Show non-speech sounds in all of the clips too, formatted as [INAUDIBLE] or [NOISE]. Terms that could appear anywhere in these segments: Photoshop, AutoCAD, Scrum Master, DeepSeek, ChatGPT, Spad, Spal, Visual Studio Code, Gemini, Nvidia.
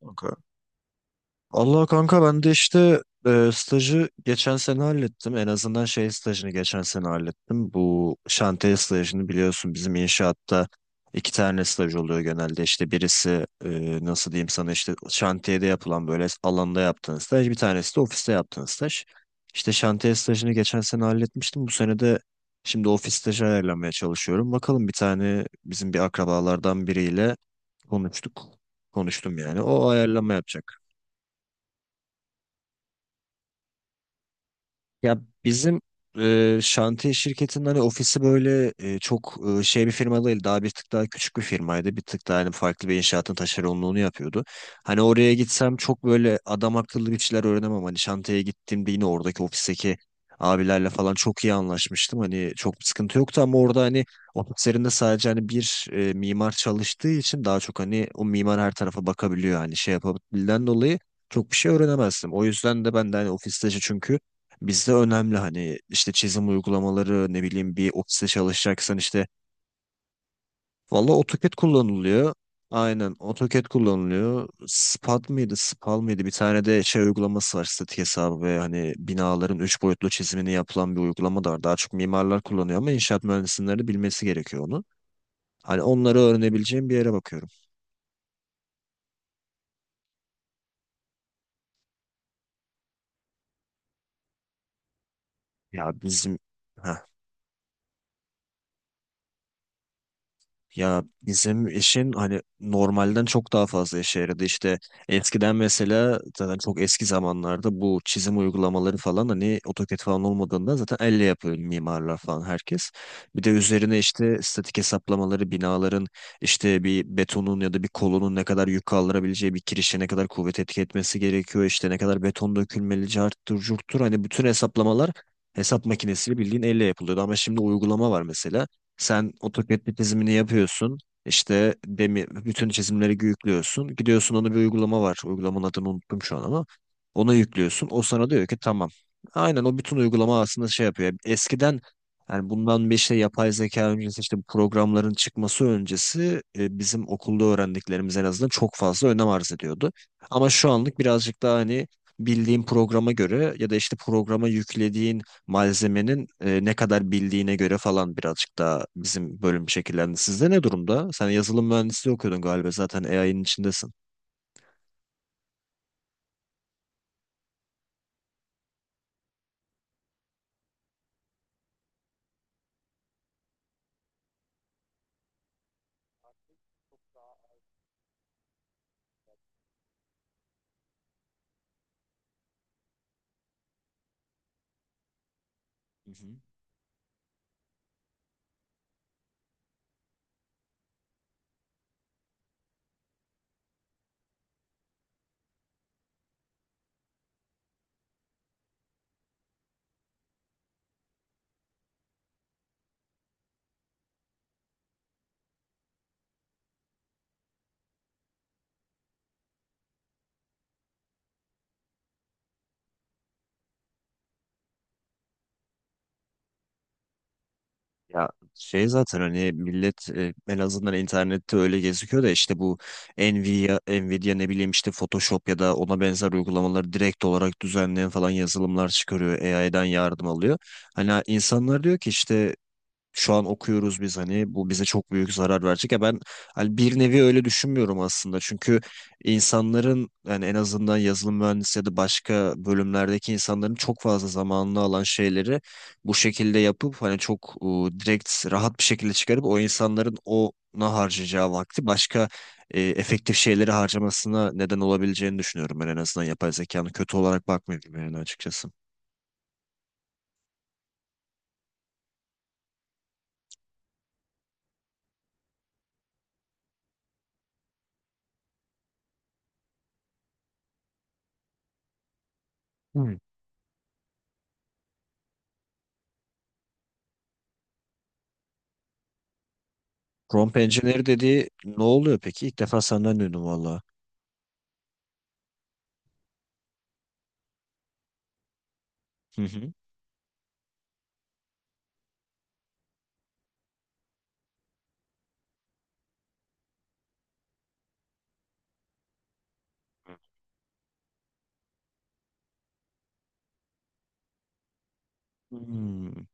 Kanka. Allah kanka ben de işte stajı geçen sene hallettim. En azından şey stajını geçen sene hallettim. Bu şantiye stajını biliyorsun bizim inşaatta iki tane staj oluyor genelde. İşte birisi nasıl diyeyim sana işte şantiyede yapılan böyle alanda yaptığın staj. Bir tanesi de ofiste yaptığın staj. İşte şantiye stajını geçen sene halletmiştim. Bu sene de şimdi ofis stajı ayarlamaya çalışıyorum. Bakalım bir tane bizim bir akrabalardan biriyle konuştuk. Konuştum yani. O ayarlama yapacak. Ya bizim şantiye şirketinin hani ofisi böyle çok şey bir firma değil. Daha bir tık daha küçük bir firmaydı. Bir tık daha hani farklı bir inşaatın taşeronluğunu yapıyordu. Hani oraya gitsem çok böyle adam akıllı bir şeyler öğrenemem. Hani şantiyeye gittiğimde yine oradaki ofisteki abilerle falan çok iyi anlaşmıştım. Hani çok bir sıkıntı yoktu ama orada hani ofislerinde sadece hani bir mimar çalıştığı için daha çok hani o mimar her tarafa bakabiliyor. Hani şey yapabildiğinden dolayı çok bir şey öğrenemezdim. O yüzden de ben de hani ofiste çünkü bizde önemli hani işte çizim uygulamaları ne bileyim bir ofiste çalışacaksan işte valla AutoCAD kullanılıyor. Aynen AutoCAD kullanılıyor. Spad mıydı Spal mıydı bir tane de şey uygulaması var, statik hesabı ve hani binaların üç boyutlu çizimini yapılan bir uygulama da var. Daha çok mimarlar kullanıyor ama inşaat mühendisleri de bilmesi gerekiyor onu. Hani onları öğrenebileceğim bir yere bakıyorum. Ya bizim Heh. Ya bizim işin hani normalden çok daha fazla işe yaradı. İşte eskiden mesela zaten çok eski zamanlarda bu çizim uygulamaları falan hani AutoCAD falan olmadığında zaten elle yapıyor mimarlar falan herkes. Bir de üzerine işte statik hesaplamaları binaların, işte bir betonun ya da bir kolonun ne kadar yük kaldırabileceği, bir kirişe ne kadar kuvvet etki etmesi gerekiyor, işte ne kadar beton dökülmeli, carttır curttur, hani bütün hesaplamalar hesap makinesiyle bildiğin elle yapılıyordu ama şimdi uygulama var mesela. Sen AutoCAD'de çizimini yapıyorsun. İşte demi, bütün çizimleri yüklüyorsun. Gidiyorsun, ona bir uygulama var. Uygulamanın adını unuttum şu an ama. Ona yüklüyorsun. O sana diyor ki tamam. Aynen, o bütün uygulama aslında şey yapıyor. Yani eskiden, yani bundan bir işte yapay zeka öncesi, işte bu programların çıkması öncesi bizim okulda öğrendiklerimiz en azından çok fazla önem arz ediyordu. Ama şu anlık birazcık daha hani bildiğin programa göre ya da işte programa yüklediğin malzemenin ne kadar bildiğine göre falan birazcık daha bizim bölüm şekillendi. Sizde ne durumda? Sen yazılım mühendisliği okuyordun galiba, zaten AI'nin içindesin. Hı hı. Ya şey, zaten hani millet en azından internette öyle gözüküyor da, işte bu Nvidia ne bileyim işte Photoshop ya da ona benzer uygulamaları direkt olarak düzenleyen falan yazılımlar çıkarıyor. AI'dan yardım alıyor. Hani insanlar diyor ki işte şu an okuyoruz biz, hani bu bize çok büyük zarar verecek. Ya ben hani bir nevi öyle düşünmüyorum aslında. Çünkü insanların, yani en azından yazılım mühendisi ya da başka bölümlerdeki insanların çok fazla zamanını alan şeyleri bu şekilde yapıp hani çok direkt rahat bir şekilde çıkarıp, o insanların ona harcayacağı vakti başka efektif şeyleri harcamasına neden olabileceğini düşünüyorum. Ben en azından yapay zekanın kötü olarak bakmıyorum yani açıkçası. Hmm. Prompt engineer dediği ne oluyor peki? İlk defa senden duydum. Hı hı. Hmm.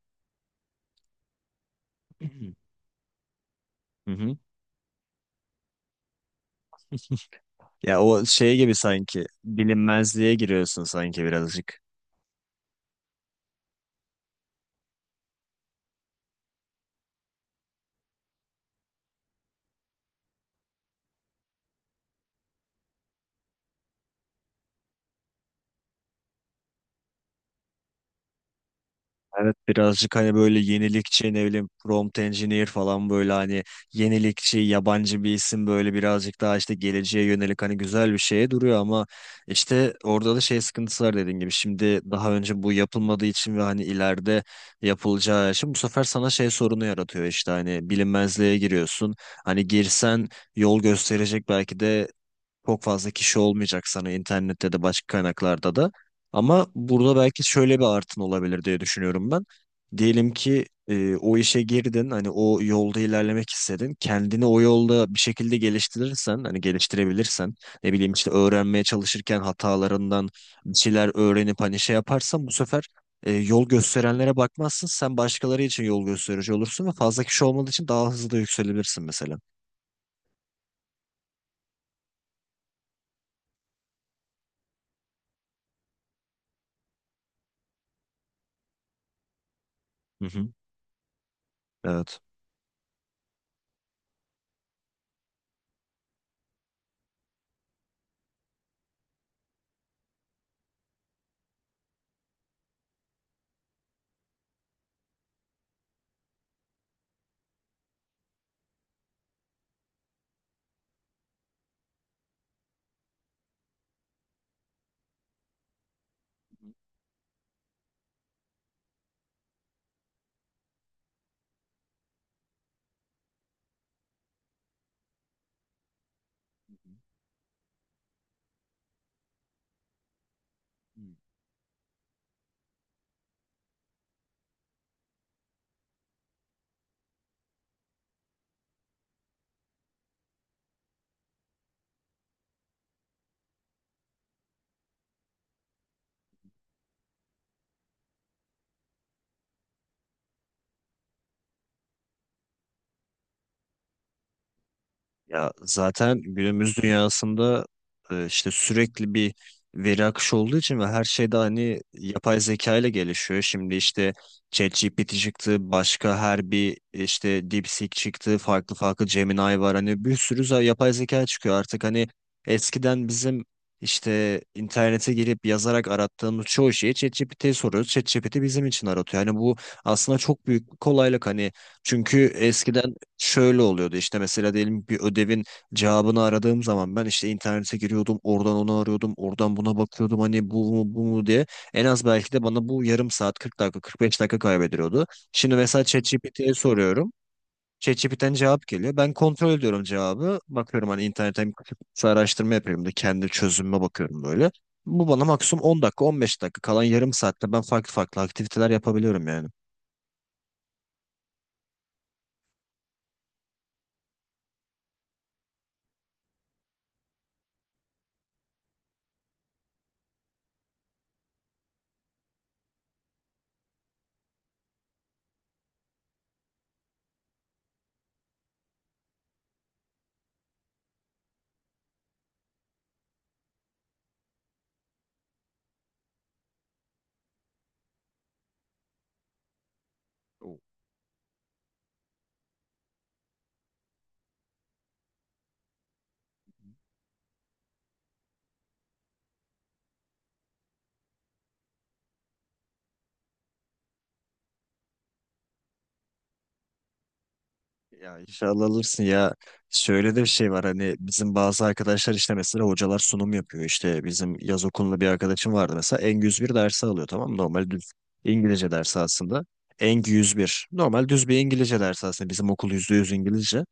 [CLEARS THROAT] Hı hı. Ya o şey gibi, sanki bilinmezliğe giriyorsun sanki birazcık. Evet, birazcık hani böyle yenilikçi, ne bileyim prompt engineer falan, böyle hani yenilikçi yabancı bir isim, böyle birazcık daha işte geleceğe yönelik hani güzel bir şeye duruyor ama işte orada da şey sıkıntısı var dediğin gibi. Şimdi daha önce bu yapılmadığı için ve hani ileride yapılacağı için, bu sefer sana şey sorunu yaratıyor, işte hani bilinmezliğe giriyorsun. Hani girsen yol gösterecek belki de çok fazla kişi olmayacak sana, internette de başka kaynaklarda da. Ama burada belki şöyle bir artın olabilir diye düşünüyorum ben. Diyelim ki o işe girdin, hani o yolda ilerlemek istedin. Kendini o yolda bir şekilde geliştirirsen, hani geliştirebilirsen, ne bileyim işte öğrenmeye çalışırken hatalarından bir şeyler öğrenip hani şey yaparsan, bu sefer yol gösterenlere bakmazsın. Sen başkaları için yol gösterici olursun ve fazla kişi olmadığı için daha hızlı da yükselirsin mesela. Hı hı. Evet. Ya zaten günümüz dünyasında işte sürekli bir veri akışı olduğu için ve her şey de hani yapay zeka ile gelişiyor. Şimdi işte ChatGPT çıktı, başka her bir işte DeepSeek çıktı, farklı farklı Gemini var. Hani bir sürü yapay zeka çıkıyor artık. Hani eskiden bizim işte internete girip yazarak arattığımız çoğu şeyi ChatGPT'ye soruyoruz. ChatGPT bizim için aratıyor. Hani bu aslında çok büyük bir kolaylık. Hani çünkü eskiden şöyle oluyordu: işte mesela diyelim bir ödevin cevabını aradığım zaman ben işte internete giriyordum, oradan onu arıyordum, oradan buna bakıyordum, hani bu mu bu mu diye en az belki de bana bu yarım saat 40 dakika 45 dakika kaybediliyordu. Şimdi mesela ChatGPT'ye soruyorum. ChatGPT'den cevap geliyor. Ben kontrol ediyorum cevabı. Bakıyorum hani internetten kısa araştırma yapıyorum da kendi çözümüme bakıyorum böyle. Bu bana maksimum 10 dakika 15 dakika, kalan yarım saatte ben farklı farklı aktiviteler yapabiliyorum yani. Ya inşallah alırsın ya. Şöyle de bir şey var hani, bizim bazı arkadaşlar işte, mesela hocalar sunum yapıyor. İşte bizim yaz okulunda bir arkadaşım vardı mesela, ENG 101 dersi alıyor, tamam mı? Normal düz İngilizce dersi aslında. ENG 101 normal düz bir İngilizce dersi aslında, bizim okul %100 İngilizce.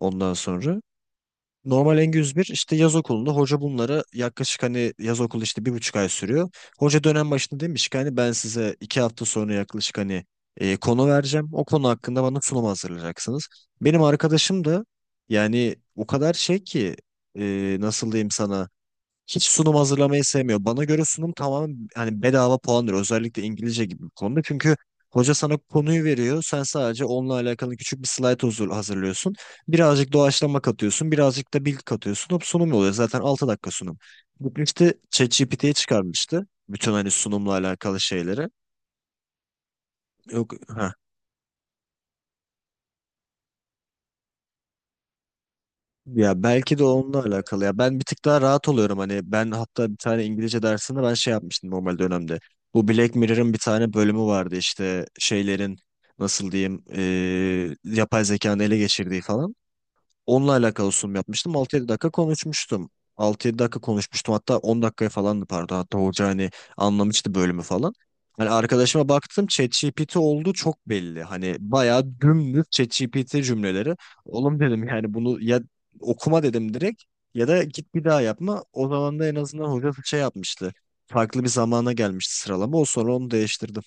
Ondan sonra normal n yüz bir, işte yaz okulunda hoca bunları yaklaşık hani, yaz okulu işte bir buçuk ay sürüyor. Hoca dönem başında demiş ki hani, ben size 2 hafta sonra yaklaşık hani konu vereceğim. O konu hakkında bana sunum hazırlayacaksınız. Benim arkadaşım da yani o kadar şey ki nasıl diyeyim sana, hiç sunum hazırlamayı sevmiyor. Bana göre sunum tamamen hani bedava puandır. Özellikle İngilizce gibi bir konuda. Çünkü hoca sana konuyu veriyor. Sen sadece onunla alakalı küçük bir slide huzur hazırlıyorsun. Birazcık doğaçlama katıyorsun. Birazcık da bilgi katıyorsun. Hop, sunum oluyor. Zaten 6 dakika sunum. Gitmişti ChatGPT'ye çıkarmıştı, bütün hani sunumla alakalı şeyleri. Yok. Ya belki de onunla alakalı ya. Ben bir tık daha rahat oluyorum hani, ben hatta bir tane İngilizce dersinde ben şey yapmıştım normal dönemde. Bu Black Mirror'ın bir tane bölümü vardı işte, şeylerin, nasıl diyeyim, yapay zekanın ele geçirdiği falan. Onunla alakalı sunum yapmıştım. Altı yedi dakika konuşmuştum. Altı yedi dakika konuşmuştum. Hatta 10 dakikaya falandı, pardon. Hatta hoca hani anlamıştı bölümü falan. Hani arkadaşıma baktım, ChatGPT olduğu çok belli. Hani bayağı dümdüz ChatGPT cümleleri. Oğlum dedim, yani bunu ya okuma dedim direkt, ya da git bir daha yapma. O zaman da en azından hoca şey yapmıştı. Farklı bir zamana gelmişti sıralama. O, sonra onu değiştirdim.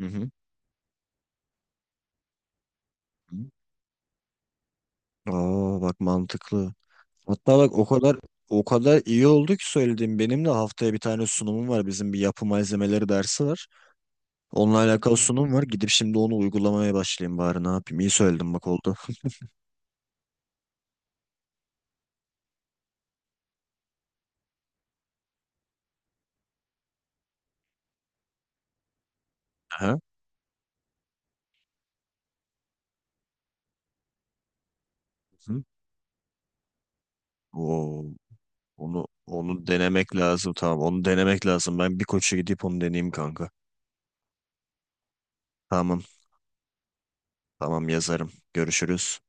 Hı hı. Aa, bak mantıklı. Hatta bak, o kadar iyi oldu ki söylediğim, benim de haftaya bir tane sunumum var. Bizim bir yapı malzemeleri dersi var. Onunla alakalı sunum var. Gidip şimdi onu uygulamaya başlayayım bari, ne yapayım. İyi söyledim, bak oldu. Aha. Hı. Oo, onu denemek lazım, tamam. Onu denemek lazım. Ben bir koça gidip onu deneyeyim kanka. Tamam, tamam yazarım. Görüşürüz.